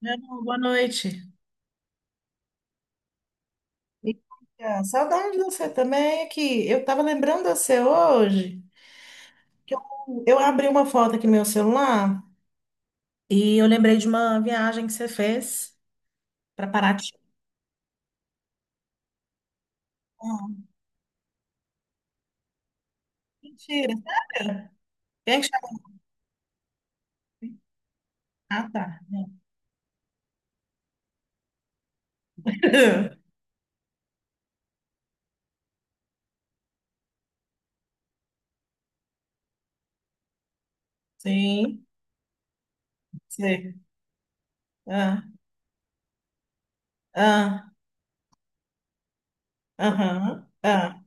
Não, boa noite. E, Saudade de você também aqui. Eu estava lembrando de você hoje que eu, eu abri uma foto aqui no meu celular e eu lembrei de uma viagem que você fez para Paraty. Ah, mentira, sério? Quem é que chamou? Ah, tá. Sim, você. Ah, ah, aham, ah.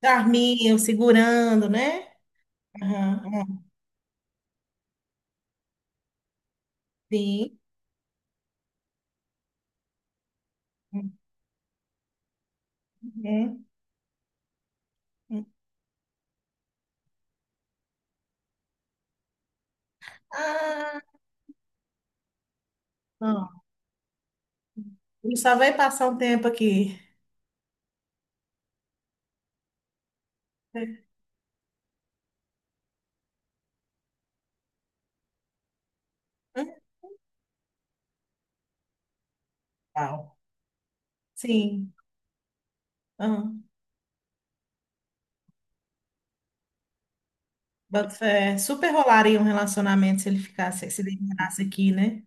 Carminho segurando, né? Aham, aham, sim. Uhum, uhum. Ah, não. Ele só vai passar um tempo aqui. Legal. Sim. Aham. Boto fé. Super rolaria um relacionamento se ele ficasse, se ele ficasse aqui, né?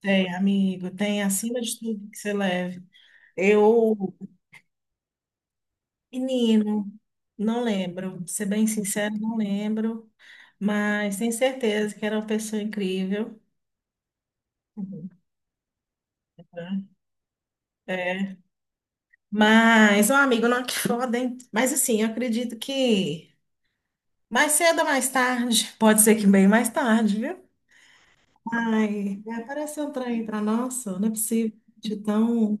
Tem, amigo, tem acima de tudo que você leve. Eu, menino, não lembro. Pra ser bem sincero, não lembro. Mas tenho certeza que era uma pessoa incrível. Uhum. É. Mas, um amigo, não, que foda, hein? Mas assim, eu acredito que mais cedo ou mais tarde, pode ser que bem mais tarde, viu? Parece um trem para nossa, não é possível, de tão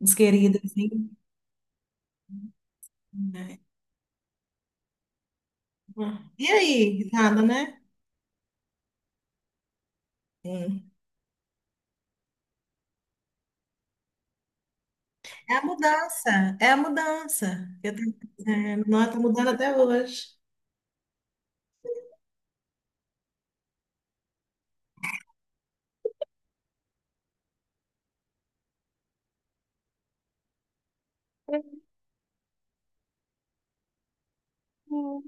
desquerida assim, né? E aí, nada, né? Sim. É a mudança. Nós estamos mudando até hoje. Hum.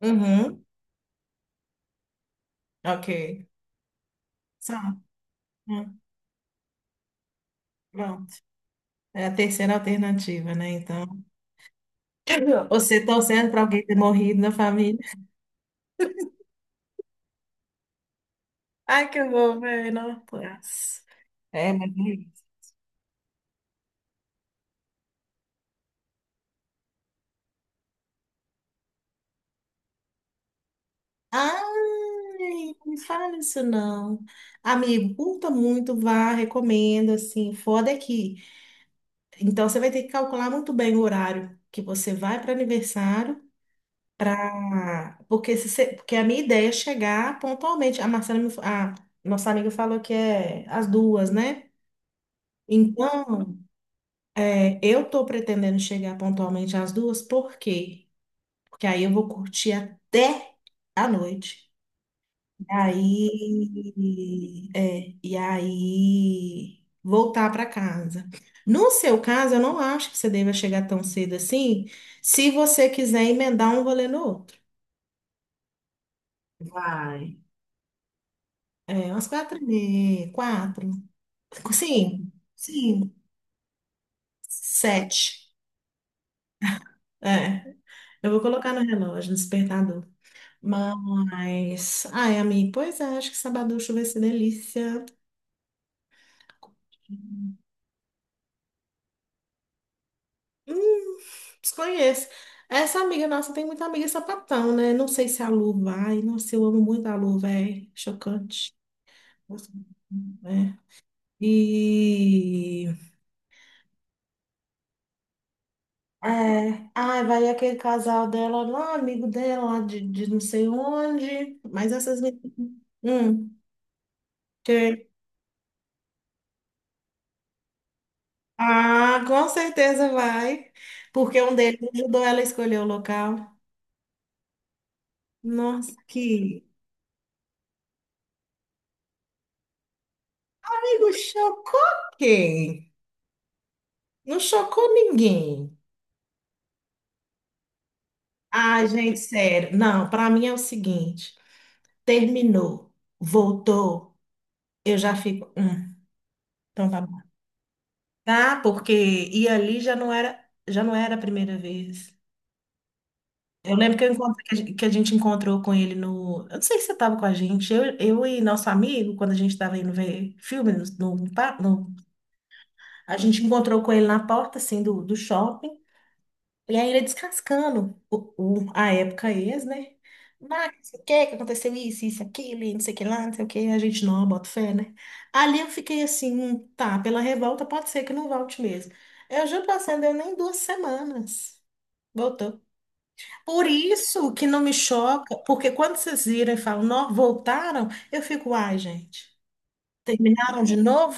Uhum, ok. Só, hum, pronto. É a terceira alternativa, né? Então, você torcendo para alguém ter morrido na família. Ai, que horror, velho. Nossa. É, mas ai, não fala isso não. Amigo, curta muito, vá, recomendo, assim, foda é que. Então, você vai ter que calcular muito bem o horário que você vai para aniversário, pra... porque, se você- porque a minha ideia é chegar pontualmente. A nossa amiga falou que é às duas, né? Então, eu tô pretendendo chegar pontualmente às duas, por quê? Porque aí eu vou curtir até a noite. E aí voltar para casa. No seu caso, eu não acho que você deva chegar tão cedo assim, se você quiser emendar um rolê no outro. Vai. É, umas quatro e meia, quatro, sim, sim, sete. É, eu vou colocar no relógio, no despertador. Mas, ai, amigo, pois é, acho que sabaducho vai ser delícia. Hum, desconheço. Essa amiga nossa tem muita amiga sapatão, né? Não sei se a Lu vai. Nossa, eu amo muito a Lu, velho. Chocante. Nossa, né? E. É. Ai, vai aquele casal dela lá, amigo dela lá de não sei onde. Hum, que... Ah, com certeza vai. Porque um deles ajudou ela a escolher o local. Nossa, que. Amigo, chocou quem? Não chocou ninguém. Ai, gente, sério. Não, pra mim é o seguinte: terminou, voltou, eu já fico. Então tá bom. Tá? Porque e ali já não era a primeira vez. Eu lembro que eu encontrei, que a gente encontrou com ele no. Eu não sei se você estava com a gente, eu e nosso amigo, quando a gente estava indo ver filme no. A gente encontrou com ele na porta, assim, do shopping. E aí ele descascando a época ex, né? Mas, não sei o que, que aconteceu isso, aquilo, e não sei o que lá, não sei o que, a gente não bota fé, né? Ali eu fiquei assim, tá, pela revolta pode ser que não volte mesmo. Eu juro pra você, não deu nem duas semanas. Voltou. Por isso que não me choca, porque quando vocês viram e falam, não, voltaram, eu fico, ai, gente, terminaram de novo?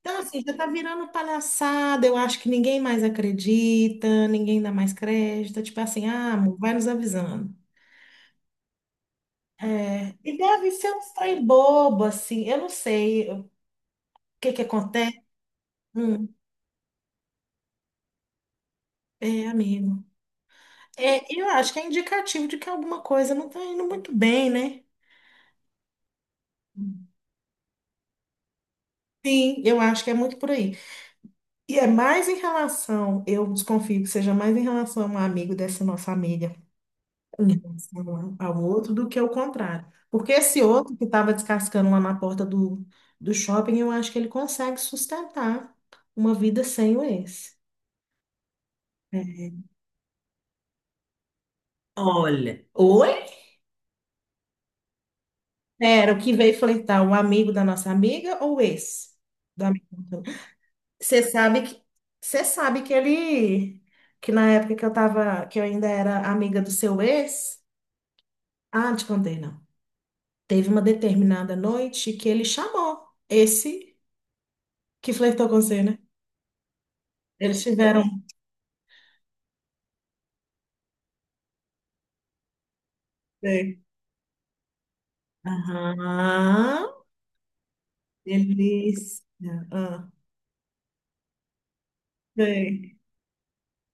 Então, assim, já tá virando palhaçada, eu acho que ninguém mais acredita, ninguém dá mais crédito, tipo assim, ah, amor, vai nos avisando. É, e deve ser um trem bobo, assim, eu não sei o que que acontece. Hum, é, amigo. É, eu acho que é indicativo de que alguma coisa não tá indo muito bem, né? Sim, eu acho que é muito por aí. E é mais em relação, eu desconfio que seja mais em relação a um amigo dessa nossa amiga, em relação ao ao outro do que o contrário. Porque esse outro que estava descascando lá na porta do shopping, eu acho que ele consegue sustentar uma vida sem o ex. É. Olha, oi? Era o que veio flertar, o amigo da nossa amiga ou o ex do amigo? Você sabe que você sabe que ele que na época que eu tava, que eu ainda era amiga do seu ex, ah, não te contei não. Teve uma determinada noite que ele chamou esse que flertou com você, né? Eles tiveram um bebê. Aham. Delícia. Ah, sei.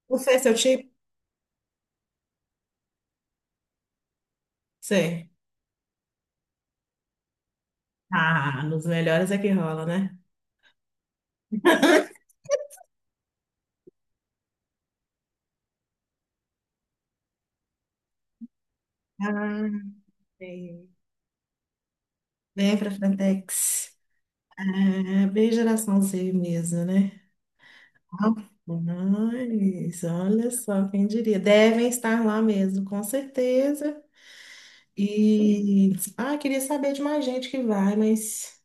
O Fê, é seu tipo? Sei. Ah, nos melhores é que rola, né? Ah, sei. Vem pra Frentex. É bem geração Z mesmo, né? Ah, mas olha só, quem diria? Devem estar lá mesmo, com certeza. E ah, queria saber de mais gente que vai, mas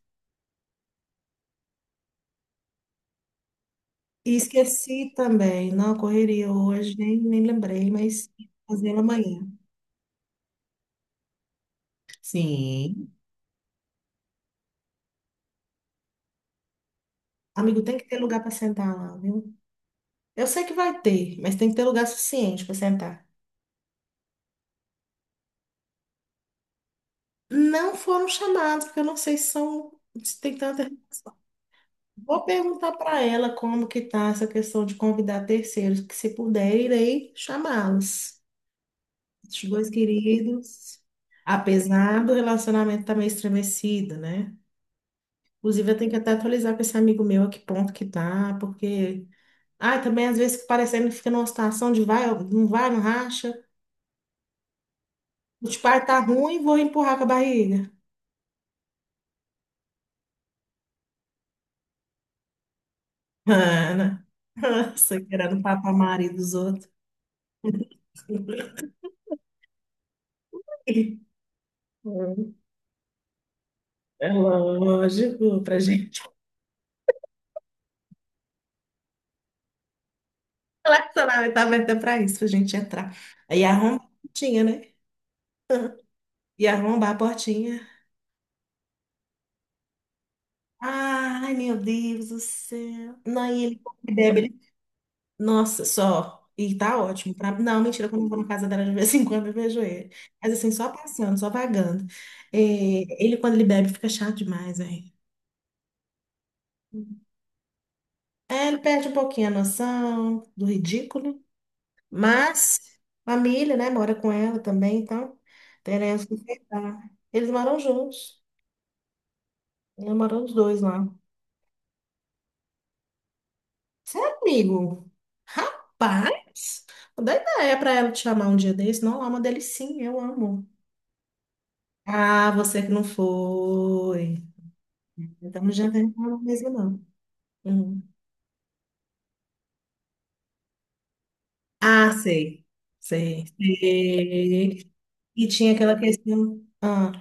e esqueci também, não, correria hoje, nem lembrei, mas fazer ela amanhã. Sim. Amigo, tem que ter lugar para sentar lá, viu? Eu sei que vai ter, mas tem que ter lugar suficiente para sentar. Não foram chamados, porque eu não sei se são, se tem tanta. Vou perguntar para ela como que tá essa questão de convidar terceiros, que se puder, irei chamá-los. Os dois queridos, apesar do relacionamento estar meio estremecido, né? Inclusive, eu tenho que até atualizar com esse amigo meu a que ponto que tá, porque. Ah, também às vezes parecendo que fica numa situação de vai, não racha. O tipo, ah, tá ruim, vou empurrar com a barriga. Ana, você querendo papar marido dos outros. É lógico, pra gente. Relacionamento aberto é pra isso, pra gente entrar. Aí arromba a portinha, né? E arromba a portinha. Ai, meu Deus do céu. Não, e ele bebe. Nossa, só. E tá ótimo. Pra... Não, mentira, quando eu vou na casa dela de vez em quando eu vejo ele. Mas assim, só passando, só vagando. É, ele, quando ele bebe, fica chato demais, hein? É, ele perde um pouquinho a noção do ridículo. Mas, família, né? Mora com ela também, então teremos que enfrentar. Eles moram juntos. Eles moram os dois lá. Você é amigo? Rapaz! Não dá ideia pra ela te chamar um dia desse. Não, lá é uma delicinha, eu amo. Ah, você que não foi. Então já vem com a mesa, não. Uhum. Ah, sei. Sei. Sei. E tinha aquela questão. Ah,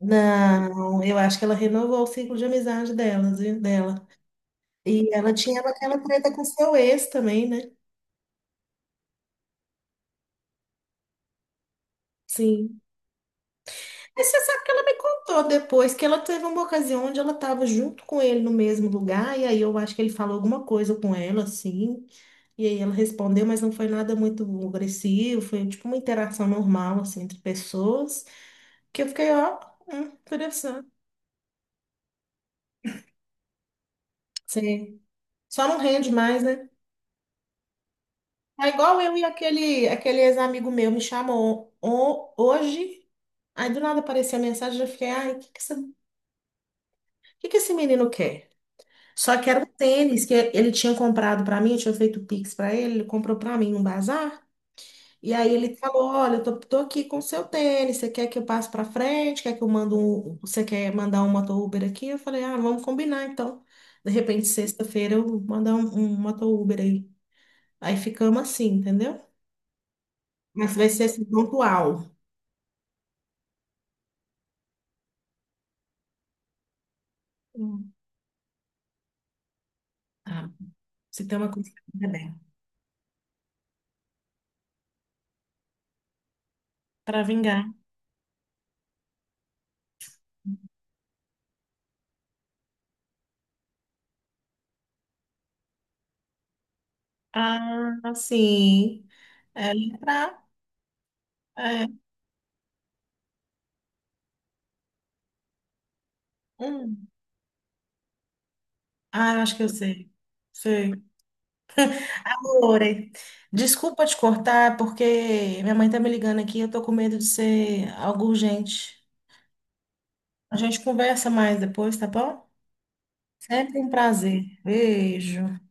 não, eu acho que ela renovou o ciclo de amizade delas, viu? Dela. E ela tinha aquela treta com seu ex também, né? Sim. Mas você sabe que ela me contou depois que ela teve uma ocasião onde ela estava junto com ele no mesmo lugar, e aí eu acho que ele falou alguma coisa com ela, assim. E aí ela respondeu, mas não foi nada muito agressivo, foi tipo uma interação normal, assim, entre pessoas. Que eu fiquei, ó, interessante. Sim. Só não rende mais, né? É igual eu e aquele, aquele ex-amigo meu me chamou hoje, aí do nada apareceu a mensagem, eu fiquei, ai, o que que essa- que esse menino quer? Só que era um tênis que ele tinha comprado pra mim, eu tinha feito Pix pra ele, ele comprou pra mim num bazar. E aí ele falou, olha, tô aqui com o seu tênis, você quer que eu passe para frente? Quer que eu mando um, você quer mandar um moto Uber aqui? Eu falei, ah, vamos combinar então. De repente, sexta-feira eu mandar um moto Uber aí. Aí ficamos assim, entendeu? Mas vai ser assim, pontual. Hum. Ah, se tem uma coisa para vingar. Ah, sim. É lembrar. É. Hum. Ah, eu acho que eu sei. Sei. Lore, desculpa te cortar, porque minha mãe tá me ligando aqui, eu tô com medo de ser algo urgente. A gente conversa mais depois, tá bom? Sempre um prazer. Beijo.